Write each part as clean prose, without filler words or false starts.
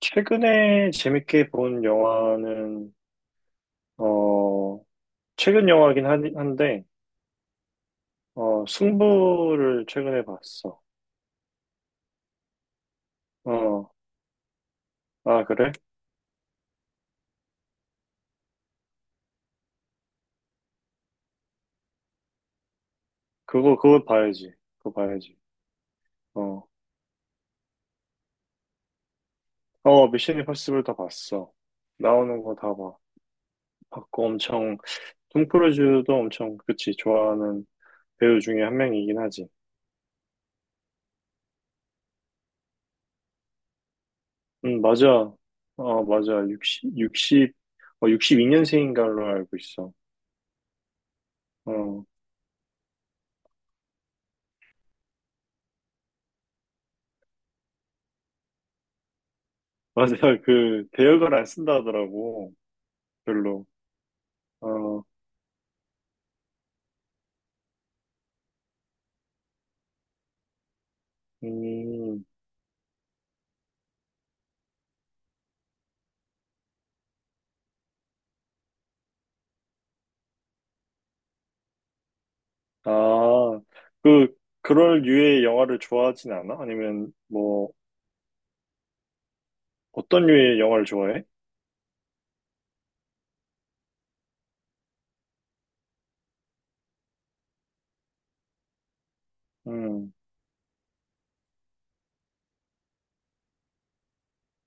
최근에 재밌게 본 영화는, 어, 최근 영화긴 한데, 승부를 최근에 봤어. 어, 아, 그래? 그거 봐야지. 그거 봐야지. 어, 어, 미션 임파서블 다 봤어. 나오는 거 다 봐. 봤고 엄청, 톰 크루즈도 엄청, 그치, 좋아하는 배우 중에 한 명이긴 하지. 응, 맞아. 어, 맞아. 62년생인 걸로 알고 있어. 어, 맞아요. 그 대역을 안 쓴다 하더라고. 별로. 어, 음, 아, 그 그럴 류의 영화를 좋아하진 않아? 아니면 뭐 어떤 류의 영화를 좋아해? 음,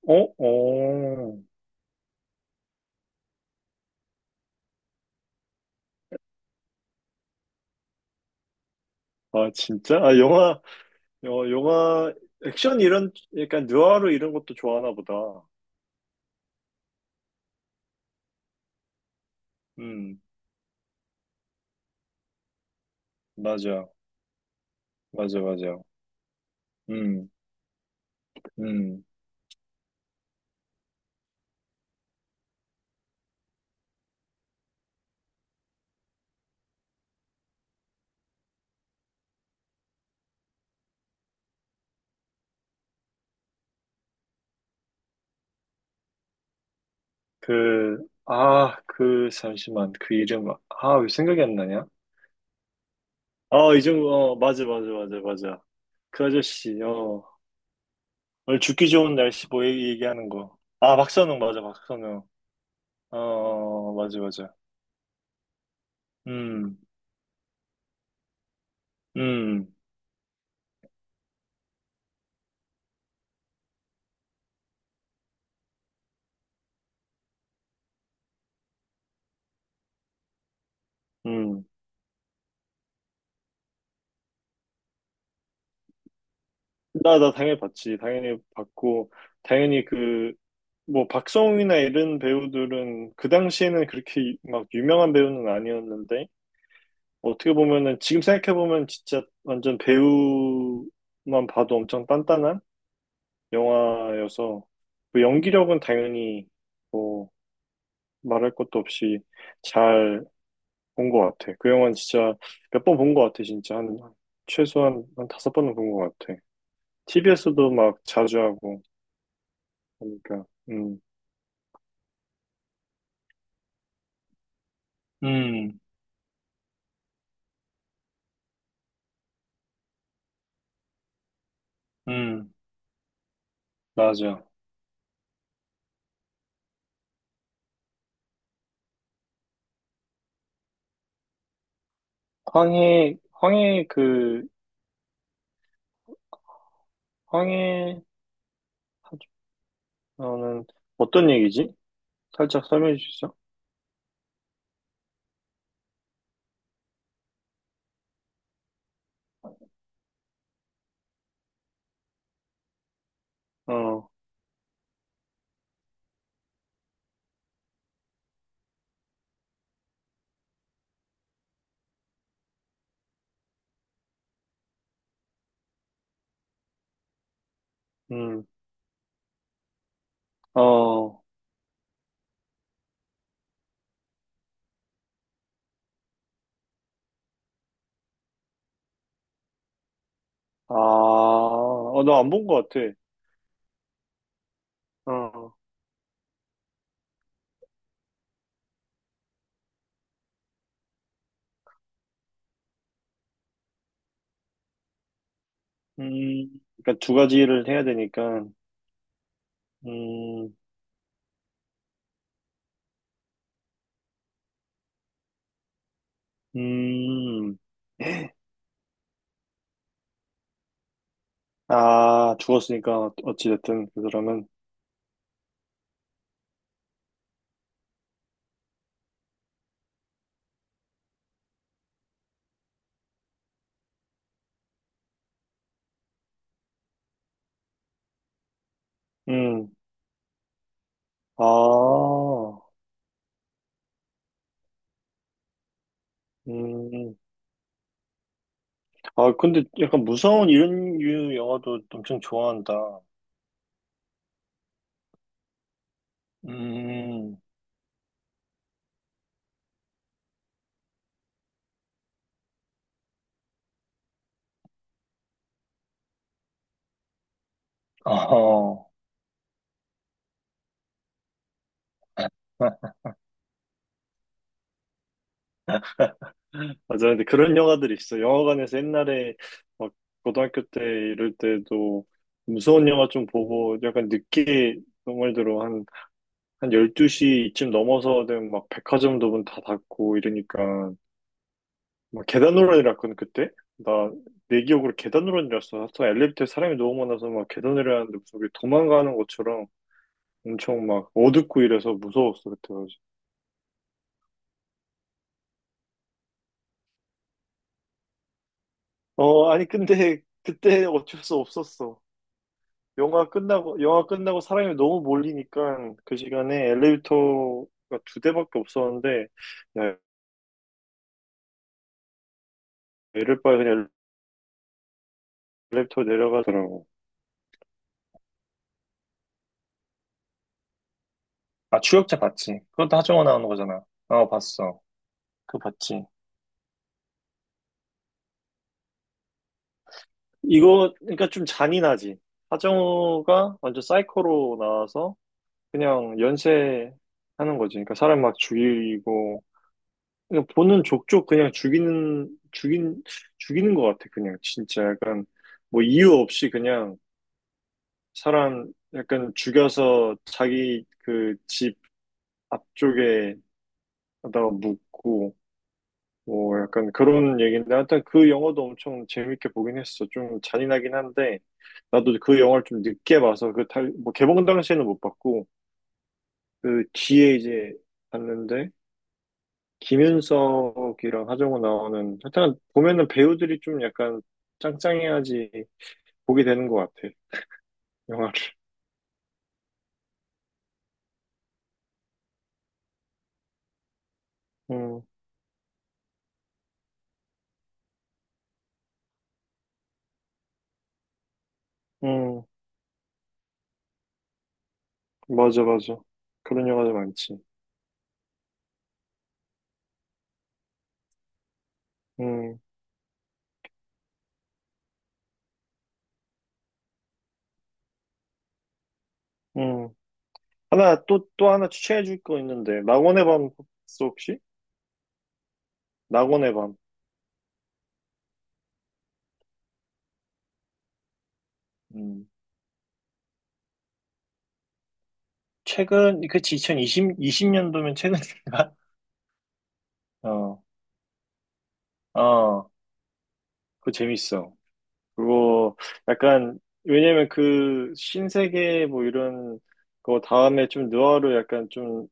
어, 어, 아 진짜? 영화 액션 이런 약간 느와르 이런 것도 좋아하나 보다. 음, 맞아, 맞아, 맞아. 음, 음, 그, 아, 그 잠시만 그 이름, 아, 왜 생각이 안 나냐? 아, 이정구, 어, 맞아, 맞아, 맞아, 맞아. 그 아저씨, 오늘 죽기 좋은 날씨 뭐 얘기하는 거. 아, 박선웅, 맞아, 박선웅. 어, 어, 어, 맞아, 맞아. 음, 음, 음. 나 당연히 봤지. 당연히 봤고, 당연히 그, 뭐, 박성웅이나 이런 배우들은 그 당시에는 그렇게 막 유명한 배우는 아니었는데, 어떻게 보면은, 지금 생각해보면 진짜 완전 배우만 봐도 엄청 단단한? 영화여서 그 연기력은 당연히 뭐 말할 것도 없이 잘 본 것 같아. 그 영화는 진짜 몇 번 본 것 같아. 진짜 한 최소한 한 다섯 번은 본 것 같아. t 비에서도 막 자주 하고 그러니까 음, 음, 맞아. 황해 그 황해 하는 어떤 얘기지? 살짝 설명해 줄 수 있어? 어, 음, 어, 아, 어, 나 안 본 것 같아. 어. 음, 그러니까 두 가지를 해야 되니까, 음, 음, 아, 죽었으니까 어찌됐든, 그 사람은, 음, 아, 음, 아, 근데 약간 무서운 이런 류 영화도 엄청 좋아한다. 음, 어, 맞아. 근데 그런 영화들이 있어. 영화관에서 옛날에 막 고등학교 때 이럴 때도 무서운 영화 좀 보고 약간 늦게 정말 들어 한 12시쯤 넘어서는 막 백화점도 문 다 닫고 이러니까 막 계단 노란이라 했거든 그때. 나 내 기억으로 계단 노란이었어. 하여튼 엘리베이터에 사람이 너무 많아서 막 계단 내려가는데 무슨 우리 도망가는 것처럼 엄청 막 어둡고 이래서 무서웠어 그때 가지고. 어, 아니 근데 그때 어쩔 수 없었어. 영화 끝나고 사람이 너무 몰리니까 그 시간에 엘리베이터가 두 대밖에 없었는데 야 이럴 바에 그냥 엘리베이터 내려가더라고. 아, 추격자 봤지. 그것도 하정우 나오는 거잖아. 어, 봤어. 그거 봤지. 이거, 그러니까 좀 잔인하지. 하정우가 완전 사이코로 나와서 그냥 연쇄하는 거지. 그러니까 사람 막 죽이고, 그냥 보는 족족 그냥 죽이는 것 같아. 그냥 진짜 약간 뭐 이유 없이 그냥 사람 약간 죽여서 자기 그 집 앞쪽에다가 묻고, 뭐 약간 그런 얘기인데 하여튼 그 영화도 엄청 재밌게 보긴 했어. 좀 잔인하긴 한데 나도 그 영화를 좀 늦게 봐서 그 달, 뭐 개봉 당시에는 못 봤고 그 뒤에 이제 봤는데 김윤석이랑 하정우 나오는 하여튼 보면은 배우들이 좀 약간 짱짱해야지 보게 되는 것 같아. 영화를. 음, 음, 맞아, 맞아. 그런 영화들 많지. 음, 음. 하나, 또, 또 하나 추천해 줄 거 있는데, 낙원의 밤 봤어, 혹시? 낙원의 밤. 음. 최근, 그치, 2020 년도면 최근인가? 어, 어, 그거 재밌어. 그거 약간, 왜냐면 그 신세계 뭐 이런 거 다음에 좀 느와르 약간 좀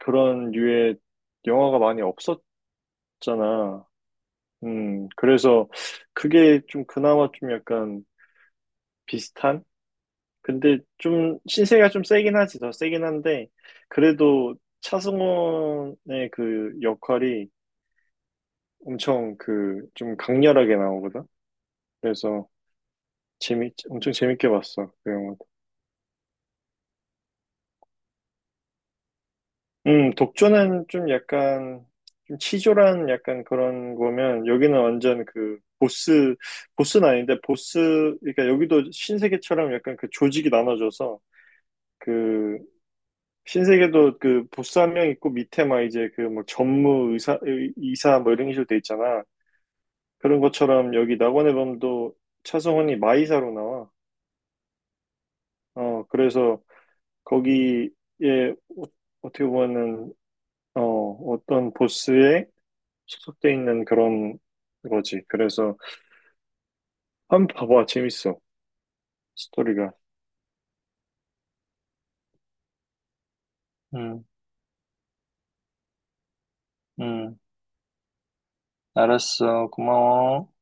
그런 류의 영화가 많이 없었잖아. 그래서 그게 좀 그나마 좀 약간 비슷한? 근데 좀 신세계가 좀 세긴 하지, 더 세긴 한데, 그래도 차승원의 그 역할이 엄청 그 좀 강렬하게 나오거든. 그래서 재미 엄청 재밌게 봤어 그 영화도. 독조는 좀 약간 좀 치졸한 약간 그런 거면 여기는 완전 그 보스 보스는 아닌데 보스 그러니까 여기도 신세계처럼 약간 그 조직이 나눠져서 그 신세계도 그 보스 한 명 있고 밑에 막 이제 그 막 전무 이사 뭐 이런 식으로 돼 있잖아. 그런 것처럼 여기 낙원의 범도 차성원이 마이사로 나와. 그래서 거기에 어- 어떻게 보면은 어, 어떤 보스에 소속돼 있는 그런 거지. 그래서 한번 봐봐. 재밌어. 스토리가. 응, 응. 알았어. 고마워.